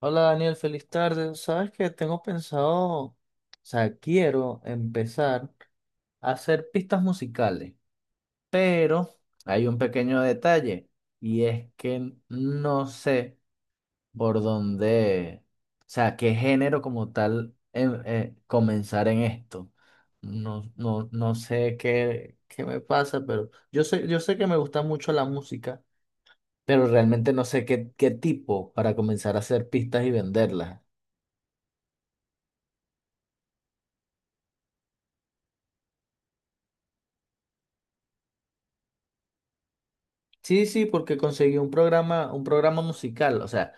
Hola Daniel, feliz tarde. Sabes que tengo pensado, o sea, quiero empezar a hacer pistas musicales, pero hay un pequeño detalle y es que no sé por dónde, o sea, qué género como tal comenzar en esto. No, no, no sé qué me pasa, pero yo sé que me gusta mucho la música, pero realmente no sé qué tipo para comenzar a hacer pistas y venderlas. Sí, sí, porque conseguí un programa musical, o sea,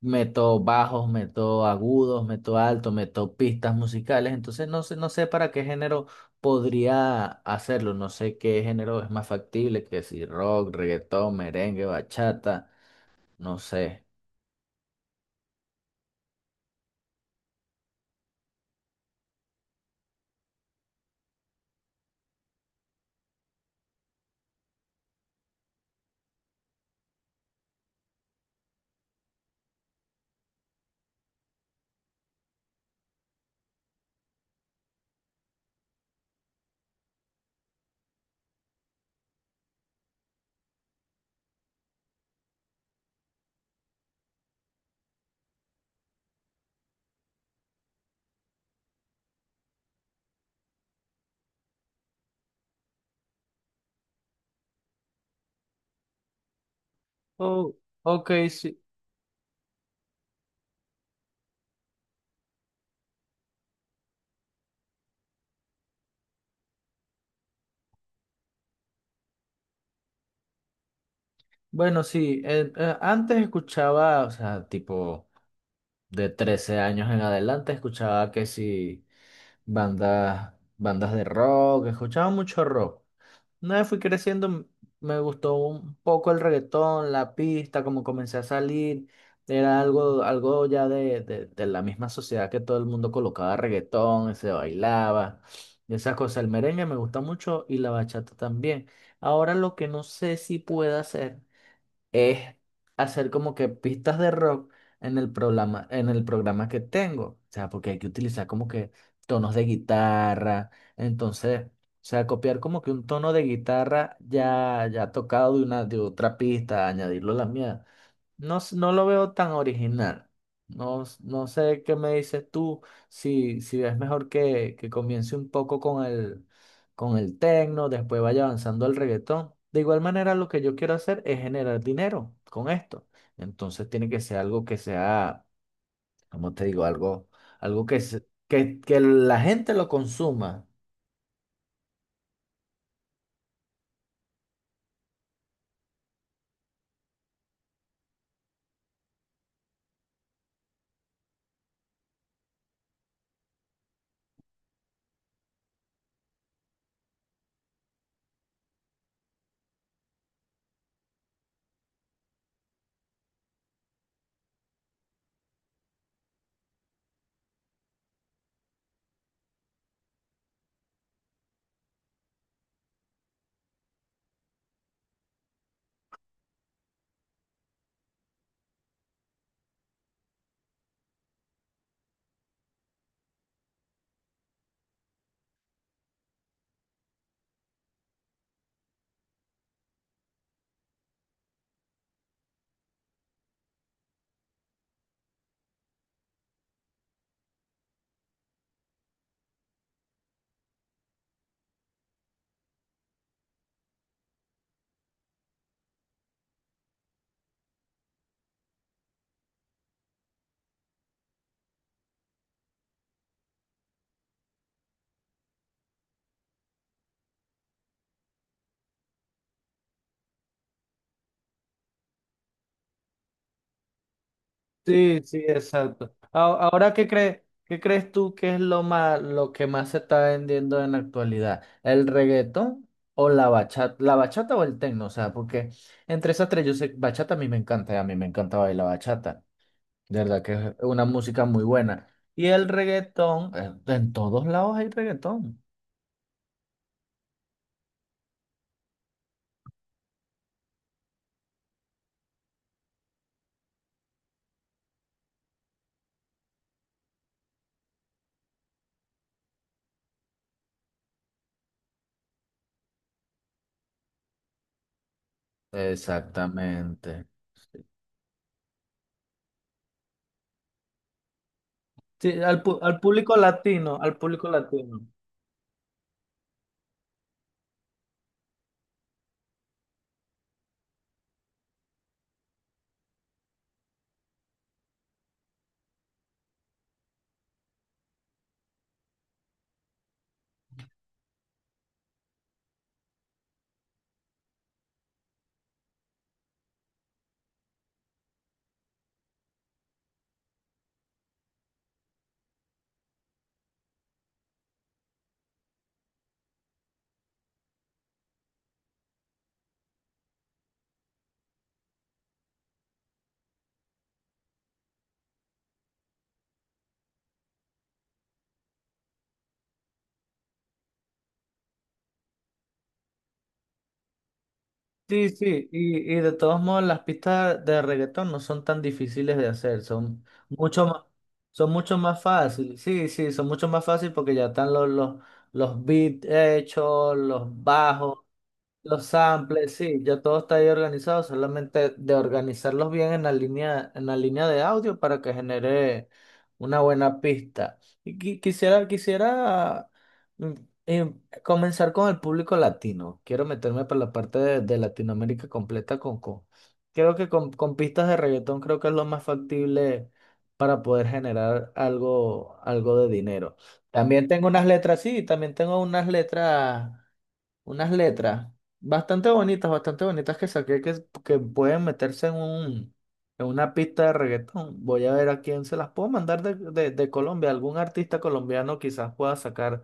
meto bajos, meto agudos, meto altos, meto pistas musicales, entonces no sé para qué género podría hacerlo, no sé qué género es más factible, que si rock, reggaetón, merengue, bachata, no sé. Oh, ok, sí. Bueno, sí, antes escuchaba, o sea, tipo de 13 años en adelante escuchaba que si bandas de rock, escuchaba mucho rock. Una vez fui creciendo, me gustó un poco el reggaetón, la pista, como comencé a salir. Era algo ya de la misma sociedad que todo el mundo colocaba reggaetón, se bailaba, y esas cosas. El merengue me gusta mucho y la bachata también. Ahora lo que no sé si pueda hacer es hacer como que pistas de rock en el programa que tengo. O sea, porque hay que utilizar como que tonos de guitarra. Entonces, o sea, copiar como que un tono de guitarra ya tocado de de otra pista, añadirlo a la mía. No lo veo tan original. No sé qué me dices tú, si es mejor que comience un poco con con el tecno, después vaya avanzando al reggaetón. De igual manera, lo que yo quiero hacer es generar dinero con esto. Entonces tiene que ser algo que sea, como te digo? Algo, algo que la gente lo consuma. Sí, sí, exacto. Ahora, qué crees tú que es lo más, lo que más se está vendiendo en la actualidad? ¿El reggaetón o la bachata? ¿La bachata o el tecno? O sea, porque entre esas tres, yo sé, bachata a mí me encanta, a mí me encanta bailar bachata. De verdad que es una música muy buena. Y el reggaetón, en todos lados hay reggaetón. Exactamente. Sí, al público latino, al público latino. Sí, sí, y de todos modos las pistas de reggaetón no son tan difíciles de hacer, son mucho más fáciles, sí, sí, son mucho más fáciles porque ya están los beats hechos, los bajos. Los samples, sí, ya todo está ahí organizado, solamente de organizarlos bien en la línea de audio para que genere una buena pista. Y quisiera mm, eh, comenzar con el público latino. Quiero meterme por la parte de Latinoamérica completa creo que con pistas de reggaetón creo que es lo más factible para poder generar algo, algo de dinero. También tengo unas letras, sí, también tengo unas letras bastante bonitas que saqué que pueden meterse en en una pista de reggaetón. Voy a ver a quién se las puedo mandar de Colombia. Algún artista colombiano quizás pueda sacar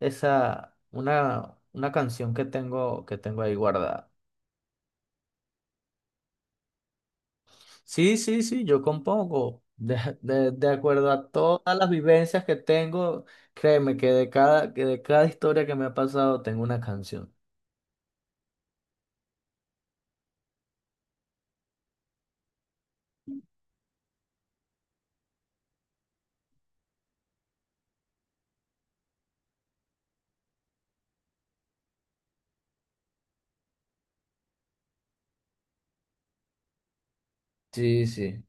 una canción que tengo ahí guardada. Sí, sí, sí, yo compongo. De acuerdo a todas las vivencias que tengo, créeme que que de cada historia que me ha pasado tengo una canción. Sí, sí.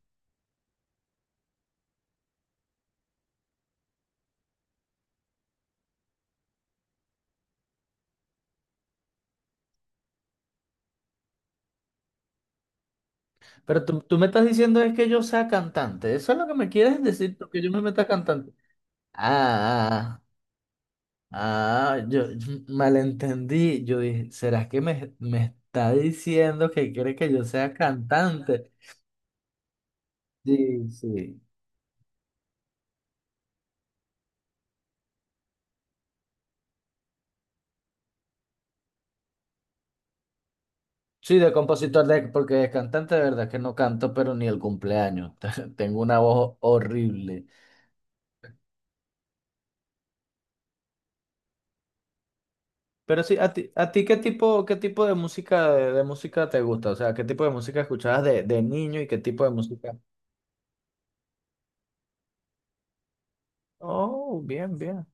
Pero tú me estás diciendo es que yo sea cantante. ¿Eso es lo que me quieres decir? Tú, que yo me meta cantante. Ah, ah, ah, yo malentendí. Yo dije, ¿será que me está diciendo que quiere que yo sea cantante? Sí, sí. Sí, de compositor, de, porque de cantante de verdad que no canto, pero ni el cumpleaños. Tengo una voz horrible. Pero sí, a ti qué tipo de música te gusta? O sea, ¿qué tipo de música escuchabas de niño y qué tipo de música? Oh, bien, bien.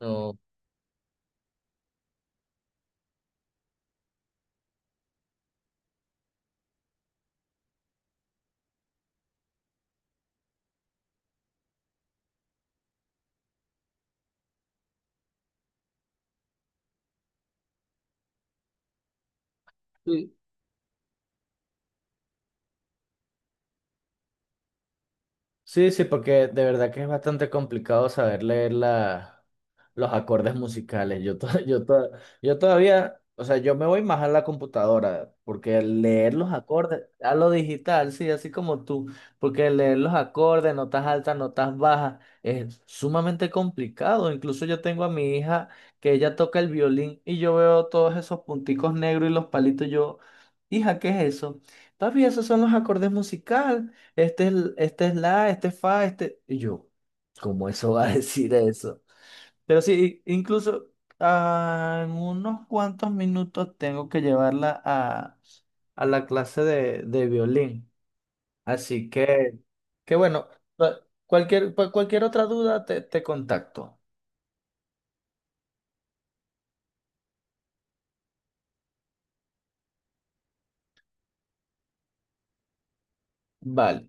No. Sí, sí, sí, porque de verdad que es bastante complicado saber leer la los acordes musicales. Yo, to- yo, to- yo todavía, o sea, yo me voy más a la computadora, porque el leer los acordes, a lo digital, sí, así como tú, porque el leer los acordes, notas altas, notas bajas, es sumamente complicado. Incluso yo tengo a mi hija que ella toca el violín y yo veo todos esos punticos negros y los palitos, y yo, hija, ¿qué es eso? Papi, esos son los acordes musicales. Este es fa, este. Y yo, ¿cómo eso va a decir eso? Pero sí, incluso ah, en unos cuantos minutos tengo que llevarla a la clase de violín. Así que bueno, cualquier, pues, cualquier otra duda te, te contacto. Vale.